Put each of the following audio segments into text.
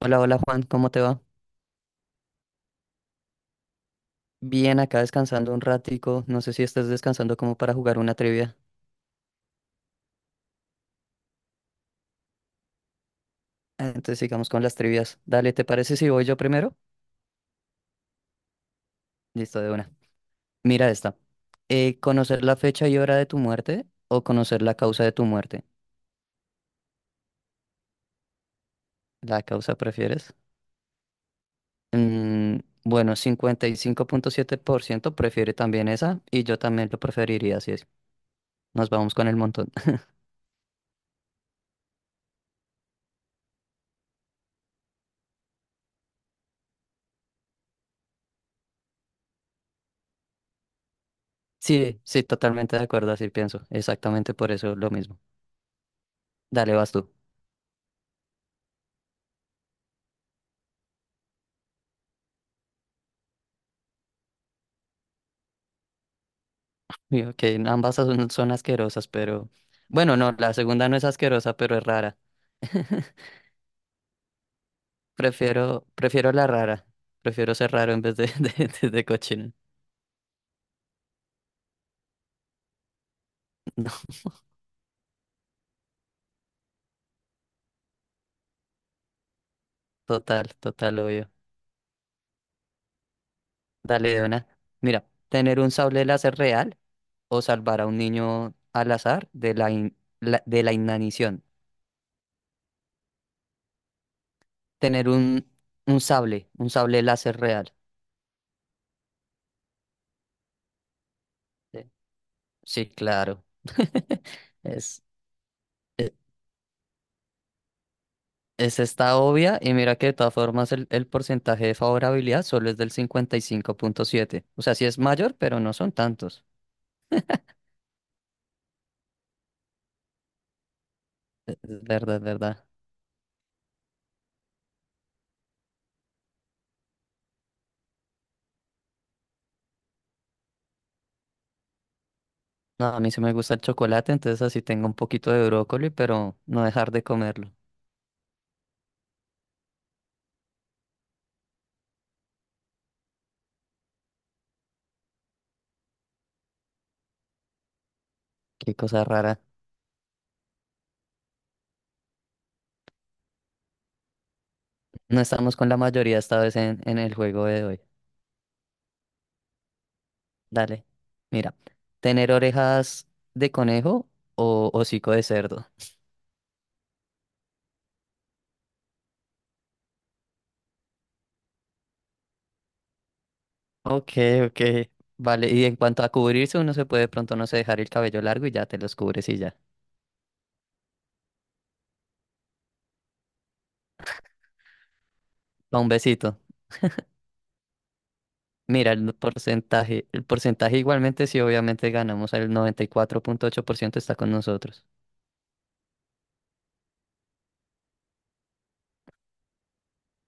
Hola, hola Juan, ¿cómo te va? Bien, acá descansando un ratico. No sé si estás descansando como para jugar una trivia. Entonces sigamos con las trivias. Dale, ¿te parece si voy yo primero? Listo, de una. Mira esta. ¿Conocer la fecha y hora de tu muerte o conocer la causa de tu muerte? ¿La causa prefieres? Mm, bueno, 55.7% prefiere también esa y yo también lo preferiría, así es. Nos vamos con el montón. Sí, sí, totalmente de acuerdo, así pienso. Exactamente por eso lo mismo. Dale, vas tú. Digo que ambas son asquerosas, pero bueno, no, la segunda no es asquerosa, pero es rara. Prefiero la rara. Prefiero ser raro en vez de, de cochino. No, total, total, obvio. Dale de una. Mira, tener un sable láser real o salvar a un niño al azar de de la inanición. Tener un, un sable láser real. Sí, sí, claro. Es, Esa está obvia y mira que de todas formas el porcentaje de favorabilidad solo es del cincuenta y cinco punto siete. O sea, sí es mayor, pero no son tantos. Es verdad, es verdad. No, a mí sí me gusta el chocolate, entonces así tengo un poquito de brócoli, pero no dejar de comerlo. Qué cosa rara. No estamos con la mayoría esta vez en el juego de hoy. Dale. Mira, ¿tener orejas de conejo o hocico de cerdo? Ok, ok. Vale, y en cuanto a cubrirse, uno se puede de pronto, no sé, dejar el cabello largo y ya te los cubres y ya. Pa' un besito. Mira, el porcentaje igualmente sí, obviamente ganamos, el noventa y cuatro punto ocho por ciento está con nosotros.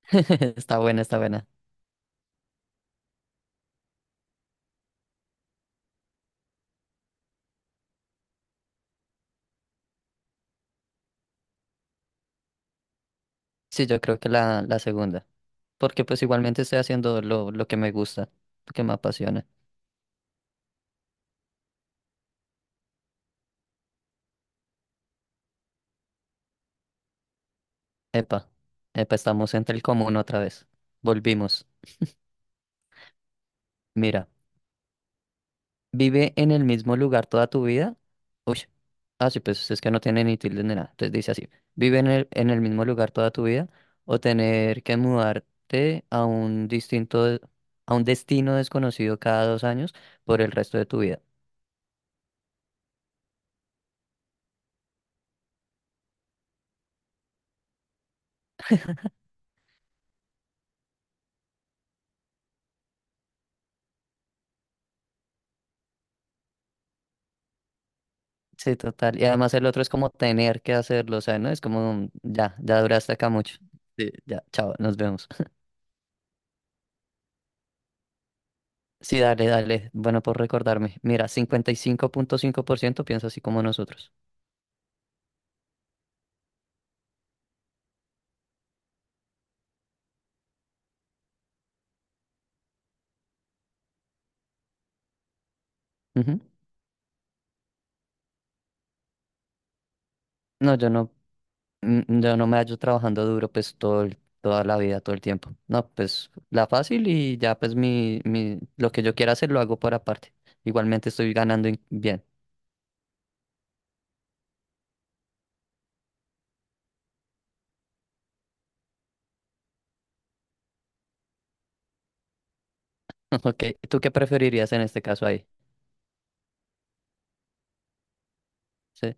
Está buena, está buena. Sí, yo creo que la segunda, porque pues igualmente estoy haciendo lo que me gusta, lo que me apasiona. Epa, epa, estamos entre el común otra vez. Volvimos. Mira. Vive en el mismo lugar toda tu vida. Uy, ah, sí, pues es que no tiene ni tilde ni nada. Entonces dice así, vive en el mismo lugar toda tu vida o tener que mudarte a a un destino desconocido cada dos años por el resto de tu vida. Sí, total. Y además el otro es como tener que hacerlo, o sea, ¿no? Es como, ya, ya duraste acá mucho. Sí, ya, chao, nos vemos. Sí, dale, dale. Bueno, por recordarme. Mira, cincuenta y cinco cinco punto cinco por ciento piensa así como nosotros. Ujú. No, yo no. Mm, yo no me hallo trabajando duro pues toda la vida, todo el tiempo. No, pues la fácil y ya pues lo que yo quiera hacer lo hago por aparte. Igualmente estoy bien. Ok, ¿tú qué preferirías en este caso ahí? Sí.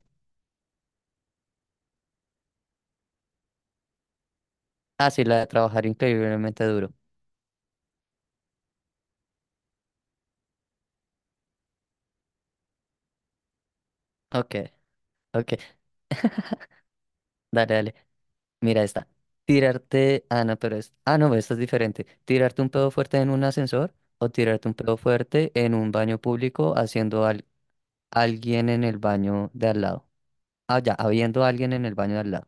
Ah, sí, la de trabajar increíblemente duro. Ok, ok, dale, dale. Mira esta. Tirarte, ah, no, pero es, ah, no, esta es diferente. Tirarte un pedo fuerte en un ascensor o tirarte un pedo fuerte en un baño público alguien en el baño de al lado. Ah, ya, habiendo alguien en el baño de al lado.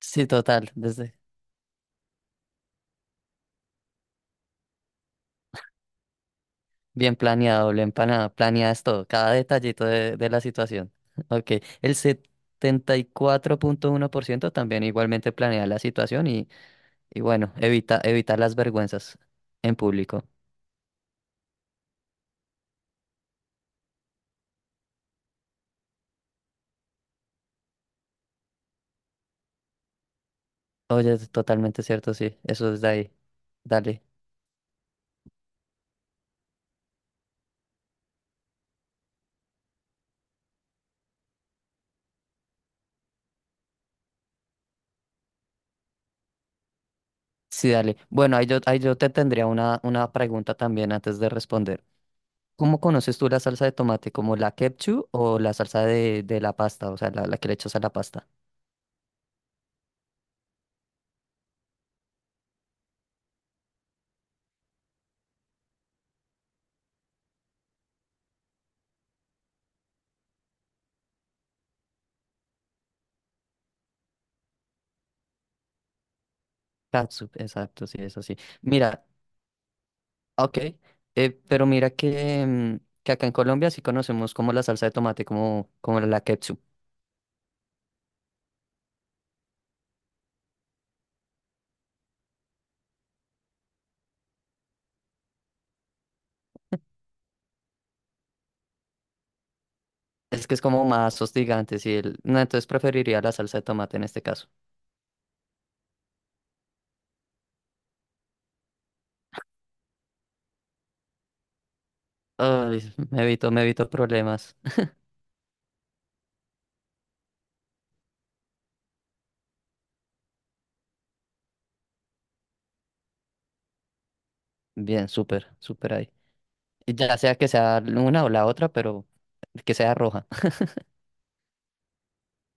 Sí, total, desde bien planeado, planeas todo, cada detallito de la situación. Ok, el setenta y cuatro punto uno por ciento también igualmente planea la situación y bueno, evita las vergüenzas en público. Oye, es totalmente cierto, sí, eso es de ahí. Dale, sí, dale. Bueno, ahí yo te tendría una pregunta también antes de responder. ¿Cómo conoces tú la salsa de tomate? ¿Como la ketchup o la salsa de la pasta? O sea, la que le echas a la pasta. Catsup, exacto, sí, eso sí. Mira, ok, pero mira que, que acá en Colombia sí conocemos como la salsa de tomate, como, como la ketchup. Es que es como más hostigante, sí. No, entonces preferiría la salsa de tomate en este caso. Ay, me evito problemas. Bien, súper, súper ahí. Ya sea que sea una o la otra, pero que sea roja.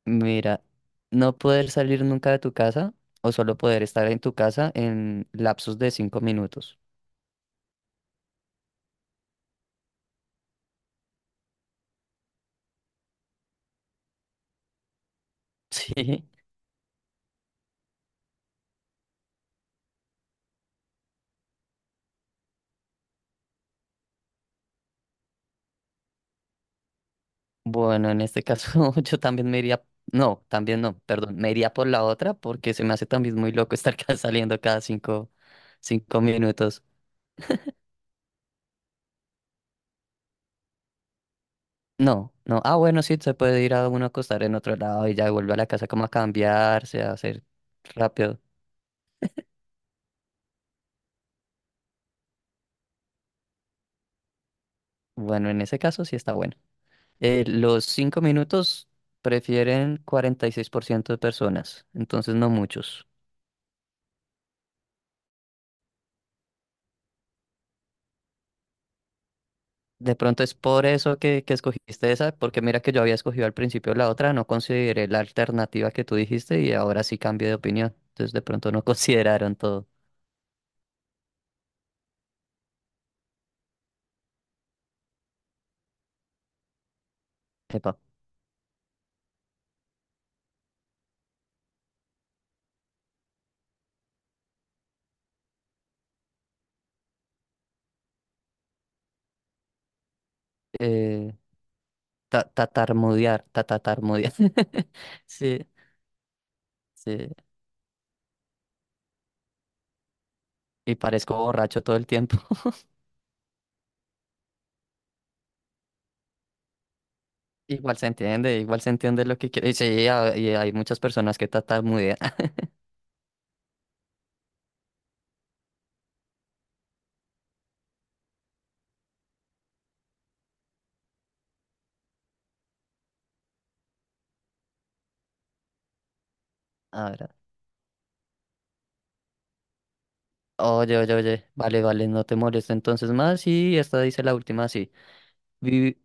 Mira, no poder salir nunca de tu casa o solo poder estar en tu casa en lapsos de cinco minutos. Sí. Bueno, en este caso yo también me iría, no, también no, perdón, me iría por la otra porque se me hace también muy loco saliendo cada cinco minutos. No, no, ah, bueno, sí, se puede ir a uno a acostar en otro lado y ya vuelve a la casa como a cambiarse, a hacer rápido. Bueno, en ese caso sí está bueno. Los cinco minutos prefieren 46% de personas, entonces no muchos. De pronto es por eso que escogiste esa, porque mira que yo había escogido al principio la otra, no consideré la alternativa que tú dijiste y ahora sí cambié de opinión. Entonces de pronto no consideraron todo. Epa, eh, tatarmudear, tatarmudear. Sí, sí. Y parezco borracho todo el tiempo. Igual se entiende lo que quiere. Y sí, y hay muchas personas que tatarmudean. A ver. Oye, oye, oye, vale, vale, no te molesta entonces más y esta dice la última, sí. Vi-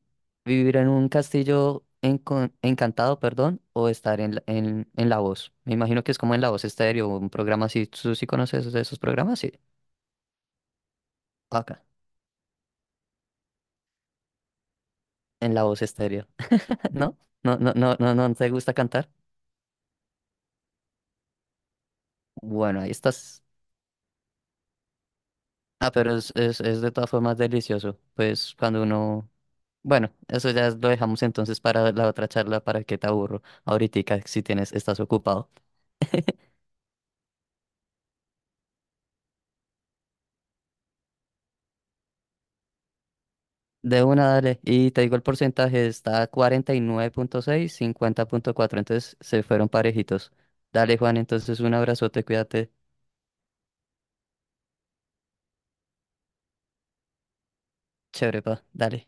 vivir en un castillo encantado, perdón, o estar en La Voz. Me imagino que es como en La Voz Estéreo, un programa así. ¿Tú sí conoces de esos programas? Sí. Acá, en La Voz Estéreo. ¿No? ¿No, no, no, no, no te gusta cantar? Bueno, ahí estás. Ah, es de todas formas delicioso. Pues cuando uno... Bueno, eso ya lo dejamos entonces para la otra charla para que te aburro. Ahorita, si tienes, estás ocupado. De una, dale. Y te digo el porcentaje, está cuarenta y nueve punto seis cincuenta punto cuatro. Entonces se fueron parejitos. Dale, Juan, entonces un abrazote, cuídate. Chévere, pa. Dale.